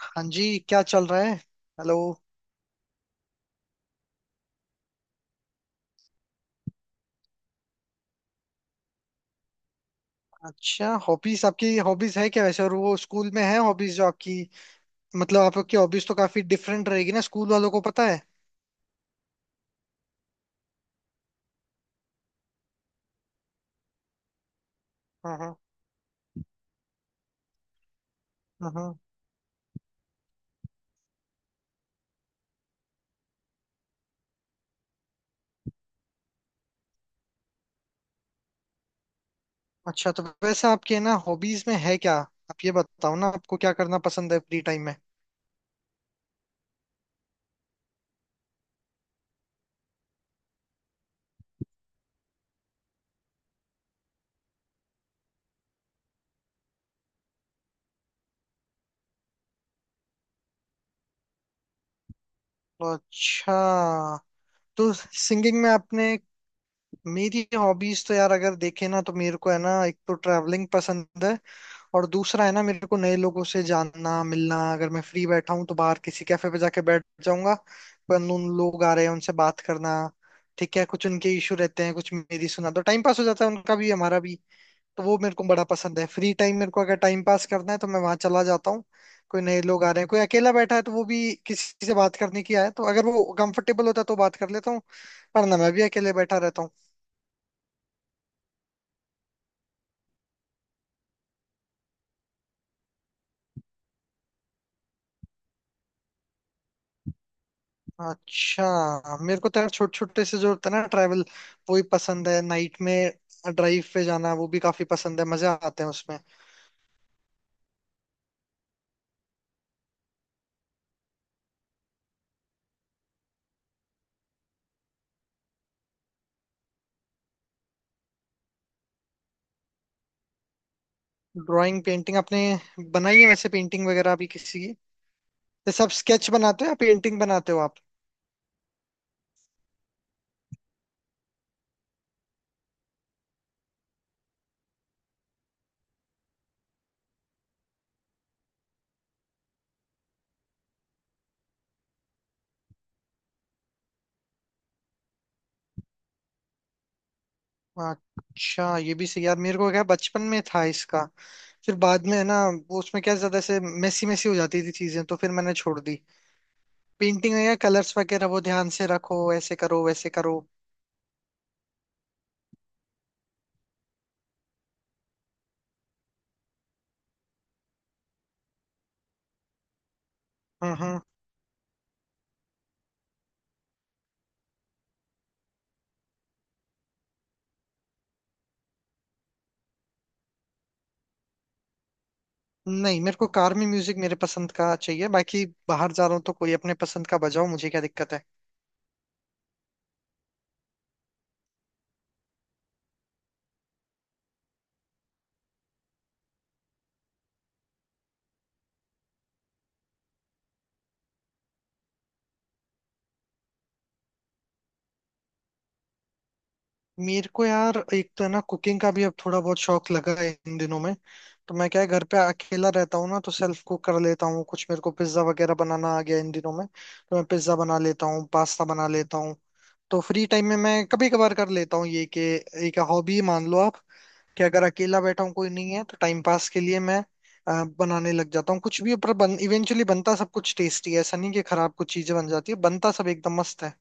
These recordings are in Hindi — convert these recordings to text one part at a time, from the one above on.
हाँ जी, क्या चल रहा है। हेलो। अच्छा हॉबीज, आपकी हॉबीज है क्या वैसे? और वो स्कूल में है हॉबीज जो आपकी? मतलब आपकी हॉबीज तो काफी डिफरेंट रहेगी ना, स्कूल वालों को पता है? हाँ हाँ हाँ हाँ। अच्छा, तो वैसे आपके ना हॉबीज में है क्या? आप ये बताओ ना, आपको क्या करना पसंद है फ्री टाइम में? अच्छा, तो सिंगिंग में आपने। मेरी हॉबीज तो यार अगर देखे ना, तो मेरे को है ना, एक तो ट्रैवलिंग पसंद है। और दूसरा है ना, मेरे को नए लोगों से जानना मिलना। अगर मैं फ्री बैठा हूँ तो बाहर किसी कैफे पे जाके बैठ जाऊंगा। पर उन लोग आ रहे हैं उनसे बात करना। ठीक है, कुछ उनके इशू रहते हैं, कुछ मेरी सुना, तो टाइम पास हो जाता है उनका भी हमारा भी। तो वो मेरे को बड़ा पसंद है। फ्री टाइम मेरे को अगर टाइम पास करना है तो मैं वहां चला जाता हूँ। कोई नए लोग आ रहे हैं, कोई अकेला बैठा है तो वो भी किसी से बात करने की आया है, तो अगर वो कंफर्टेबल होता है तो बात कर लेता हूँ। पर ना, मैं भी अकेले बैठा रहता हूँ। अच्छा। मेरे को तो यार छोटे छोटे से जो होता है ना ट्रैवल, वो ही पसंद है। नाइट में ड्राइव पे जाना, वो भी काफी पसंद है, मजा आते हैं उसमें। ड्राइंग पेंटिंग आपने बनाई है वैसे? पेंटिंग वगैरह भी किसी की? जैसे आप स्केच बनाते हो या पेंटिंग बनाते हो आप? अच्छा ये भी सही यार। मेरे को क्या, बचपन में था इसका, फिर बाद में है ना, वो उसमें क्या ज्यादा ऐसे मेसी मेसी हो जाती थी चीजें तो फिर मैंने छोड़ दी। पेंटिंग में क्या, कलर्स वगैरह वो ध्यान से रखो, ऐसे करो वैसे करो। हम्म हम्म। नहीं, मेरे को कार में म्यूजिक मेरे पसंद का चाहिए। बाकी बाहर जा रहा हूँ तो कोई अपने पसंद का बजाओ, मुझे क्या दिक्कत है। मेरे को यार एक तो है ना कुकिंग का भी अब थोड़ा बहुत शौक लगा है इन दिनों में। तो मैं क्या है, घर पे अकेला रहता हूँ ना तो सेल्फ कुक कर लेता हूँ कुछ। मेरे को पिज्जा वगैरह बनाना आ गया इन दिनों में, तो मैं पिज्जा बना लेता हूँ, पास्ता बना लेता हूँ। तो फ्री टाइम में मैं कभी कभार कर लेता हूँ ये कि, एक हॉबी मान लो आप कि अगर अकेला बैठा हूँ, कोई नहीं है तो टाइम पास के लिए मैं बनाने लग जाता हूँ कुछ भी। पर इवेंचुअली बनता सब कुछ टेस्टी है, ऐसा नहीं कि खराब कुछ चीजें बन जाती है, बनता सब एकदम मस्त है।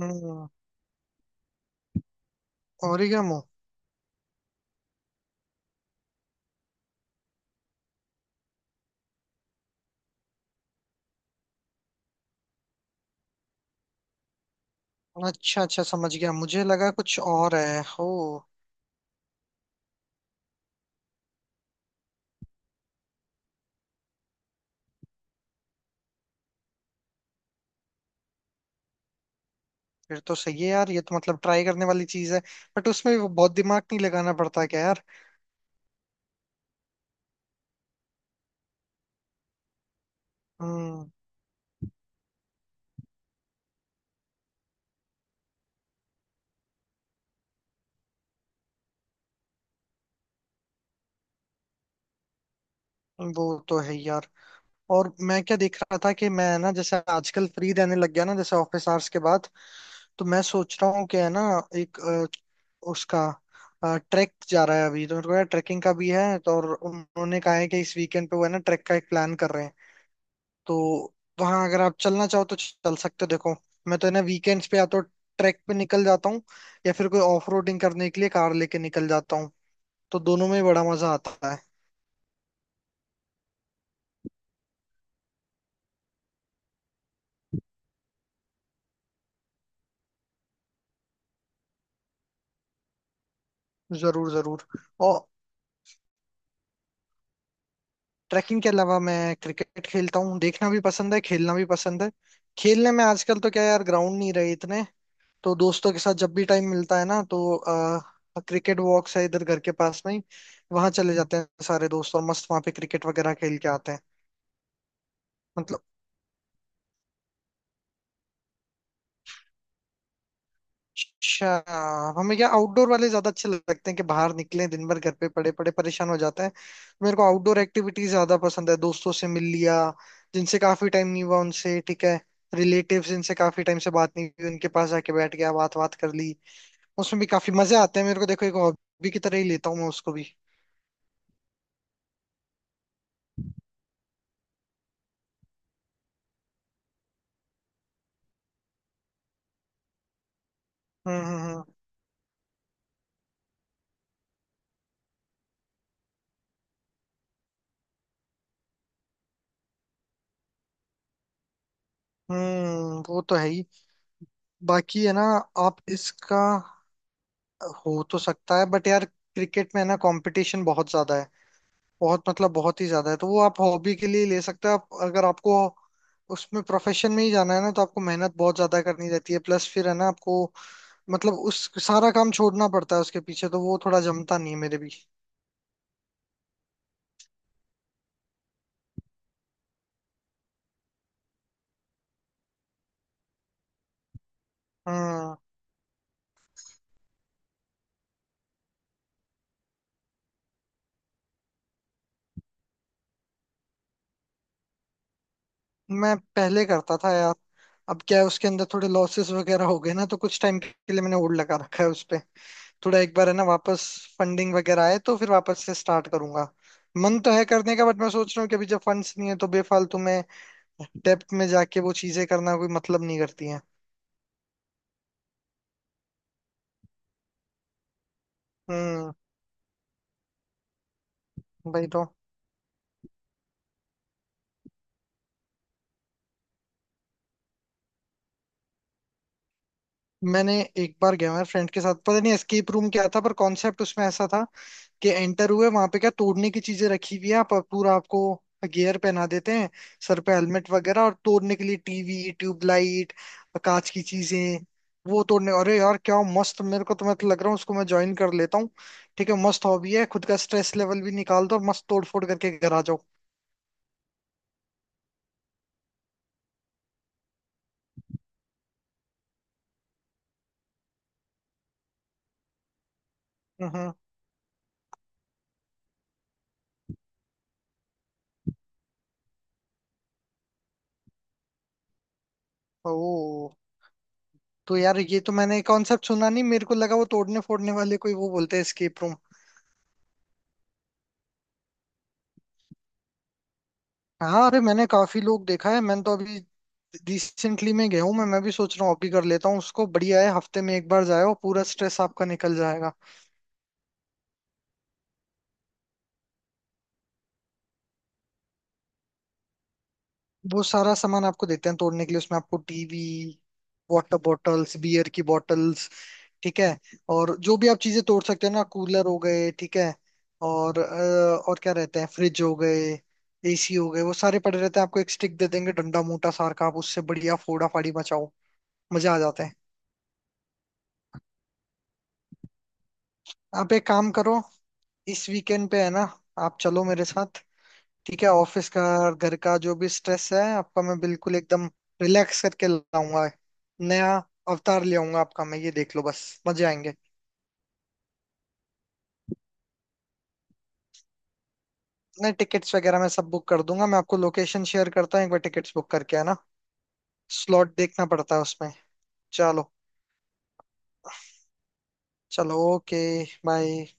हम्म। ओरिगेमो? अच्छा अच्छा, समझ गया। मुझे लगा कुछ और है हो। फिर तो सही है यार, ये तो मतलब ट्राई करने वाली चीज है। बट उसमें वो बहुत दिमाग नहीं लगाना पड़ता क्या यार? हम्म। वो तो है ही यार। और मैं क्या देख रहा था कि मैं ना जैसे आजकल फ्री रहने लग गया ना जैसे ऑफिस आवर्स के बाद। तो मैं सोच रहा हूँ कि है ना एक उसका ट्रैक जा रहा है अभी तो, मेरे को ट्रैकिंग का भी है तो, और उन्होंने कहा है कि इस वीकेंड पे वो है ना ट्रैक का एक प्लान कर रहे हैं। तो वहाँ अगर आप चलना चाहो तो चल सकते हो, देखो। मैं तो है ना वीकेंड्स पे या तो ट्रैक पे निकल जाता हूँ, या फिर कोई ऑफ रोडिंग करने के लिए कार लेके निकल जाता हूँ। तो दोनों में बड़ा मजा आता है। जरूर जरूर। और ट्रैकिंग के अलावा मैं क्रिकेट खेलता हूँ, देखना भी पसंद है खेलना भी पसंद है। खेलने में आजकल तो क्या यार, ग्राउंड नहीं रहे इतने। तो दोस्तों के साथ जब भी टाइम मिलता है ना, तो क्रिकेट वॉक्स है इधर घर के पास में ही। वहां चले जाते हैं सारे दोस्त और मस्त वहां पे क्रिकेट वगैरह खेल के आते हैं। मतलब। अच्छा। हमें क्या आउटडोर वाले ज्यादा अच्छे लगते हैं कि बाहर निकलें, दिन भर घर पे पड़े पड़े परेशान हो जाते हैं। मेरे को आउटडोर एक्टिविटीज ज्यादा पसंद है, दोस्तों से मिल लिया जिनसे काफी टाइम नहीं हुआ उनसे। ठीक है, रिलेटिव्स जिनसे काफी टाइम से बात नहीं हुई उनके पास जाके बैठ गया, बात बात कर ली। उसमें भी काफी मजे आते हैं। मेरे को देखो, एक हॉबी की तरह ही लेता हूँ मैं उसको भी। हम्म हम्म हम्म वो तो है ही। बाकी है ना आप इसका, हो तो सकता है बट यार क्रिकेट में है ना कंपटीशन बहुत ज्यादा है। बहुत मतलब बहुत ही ज्यादा है, तो वो आप हॉबी के लिए ले सकते हो। आप अगर आपको उसमें प्रोफेशन में ही जाना है ना, तो आपको मेहनत बहुत ज्यादा करनी रहती है। प्लस फिर है ना आपको, मतलब उस सारा काम छोड़ना पड़ता है उसके पीछे, तो वो थोड़ा जमता नहीं है मेरे भी। हम्म। मैं पहले करता था यार। अब क्या है, उसके अंदर थोड़े लॉसेस वगैरह हो गए ना तो कुछ टाइम के लिए मैंने होल्ड लगा रखा है उस पे। थोड़ा एक बार है ना वापस फंडिंग वगैरह आए तो फिर वापस से स्टार्ट करूंगा। मन तो है करने का, बट मैं सोच रहा हूँ कि अभी जब फंड्स नहीं है तो बेफालतू में डेप्थ में जाके वो चीजें करना कोई मतलब नहीं करती हैं। हम्म। भाई तो। मैंने एक बार गया मैं फ्रेंड के साथ, पता नहीं एस्केप रूम क्या था। पर कॉन्सेप्ट उसमें ऐसा था कि एंटर हुए वहां पे, क्या तोड़ने की चीजें रखी हुई है आप पूरा, आपको गियर पहना देते हैं, सर पे हेलमेट वगैरह और तोड़ने के लिए टीवी, ट्यूबलाइट, कांच की चीजें वो तोड़ने। अरे यार क्या मस्त, मेरे को तो मैं तो लग रहा हूँ उसको मैं ज्वाइन कर लेता हूँ। ठीक है, मस्त हॉबी है, खुद का स्ट्रेस लेवल भी निकाल दो और मस्त तोड़ फोड़ करके घर आ जाओ। हम्म। ओ, तो यार ये तो मैंने कॉन्सेप्ट सुना नहीं। मेरे को लगा वो तोड़ने फोड़ने वाले कोई वो बोलते हैं एस्केप रूम। हाँ, अरे मैंने काफी लोग देखा है। मैंने तो अभी रिसेंटली में गया हूँ। मैं भी सोच रहा हूँ अभी कर लेता हूँ उसको, बढ़िया है, हफ्ते में एक बार जाओ पूरा स्ट्रेस आपका निकल जाएगा। वो सारा सामान आपको देते हैं तोड़ने के लिए उसमें, आपको टीवी, वाटर बॉटल्स, बियर की बॉटल्स, ठीक है, और जो भी आप चीजें तोड़ सकते हो ना, कूलर हो गए, ठीक है, और और क्या रहते हैं, फ्रिज हो गए, एसी हो गए, वो सारे पड़े रहते हैं। आपको एक स्टिक दे देंगे, डंडा मोटा सार का, आप उससे बढ़िया फोड़ा फाड़ी मचाओ। मजा आ जाता है। आप एक काम करो, इस वीकेंड पे है ना आप चलो मेरे साथ। ठीक है, ऑफिस का और घर का जो भी स्ट्रेस है आपका, मैं बिल्कुल एकदम रिलैक्स करके लाऊंगा। नया अवतार ले आऊंगा आपका मैं, ये देख लो बस। मजे आएंगे। नहीं, टिकट्स वगैरह मैं सब बुक कर दूंगा। मैं आपको लोकेशन शेयर करता हूँ एक बार टिकट्स बुक करके, है ना, स्लॉट देखना पड़ता है उसमें। चलो। चलो, ओके। बाय।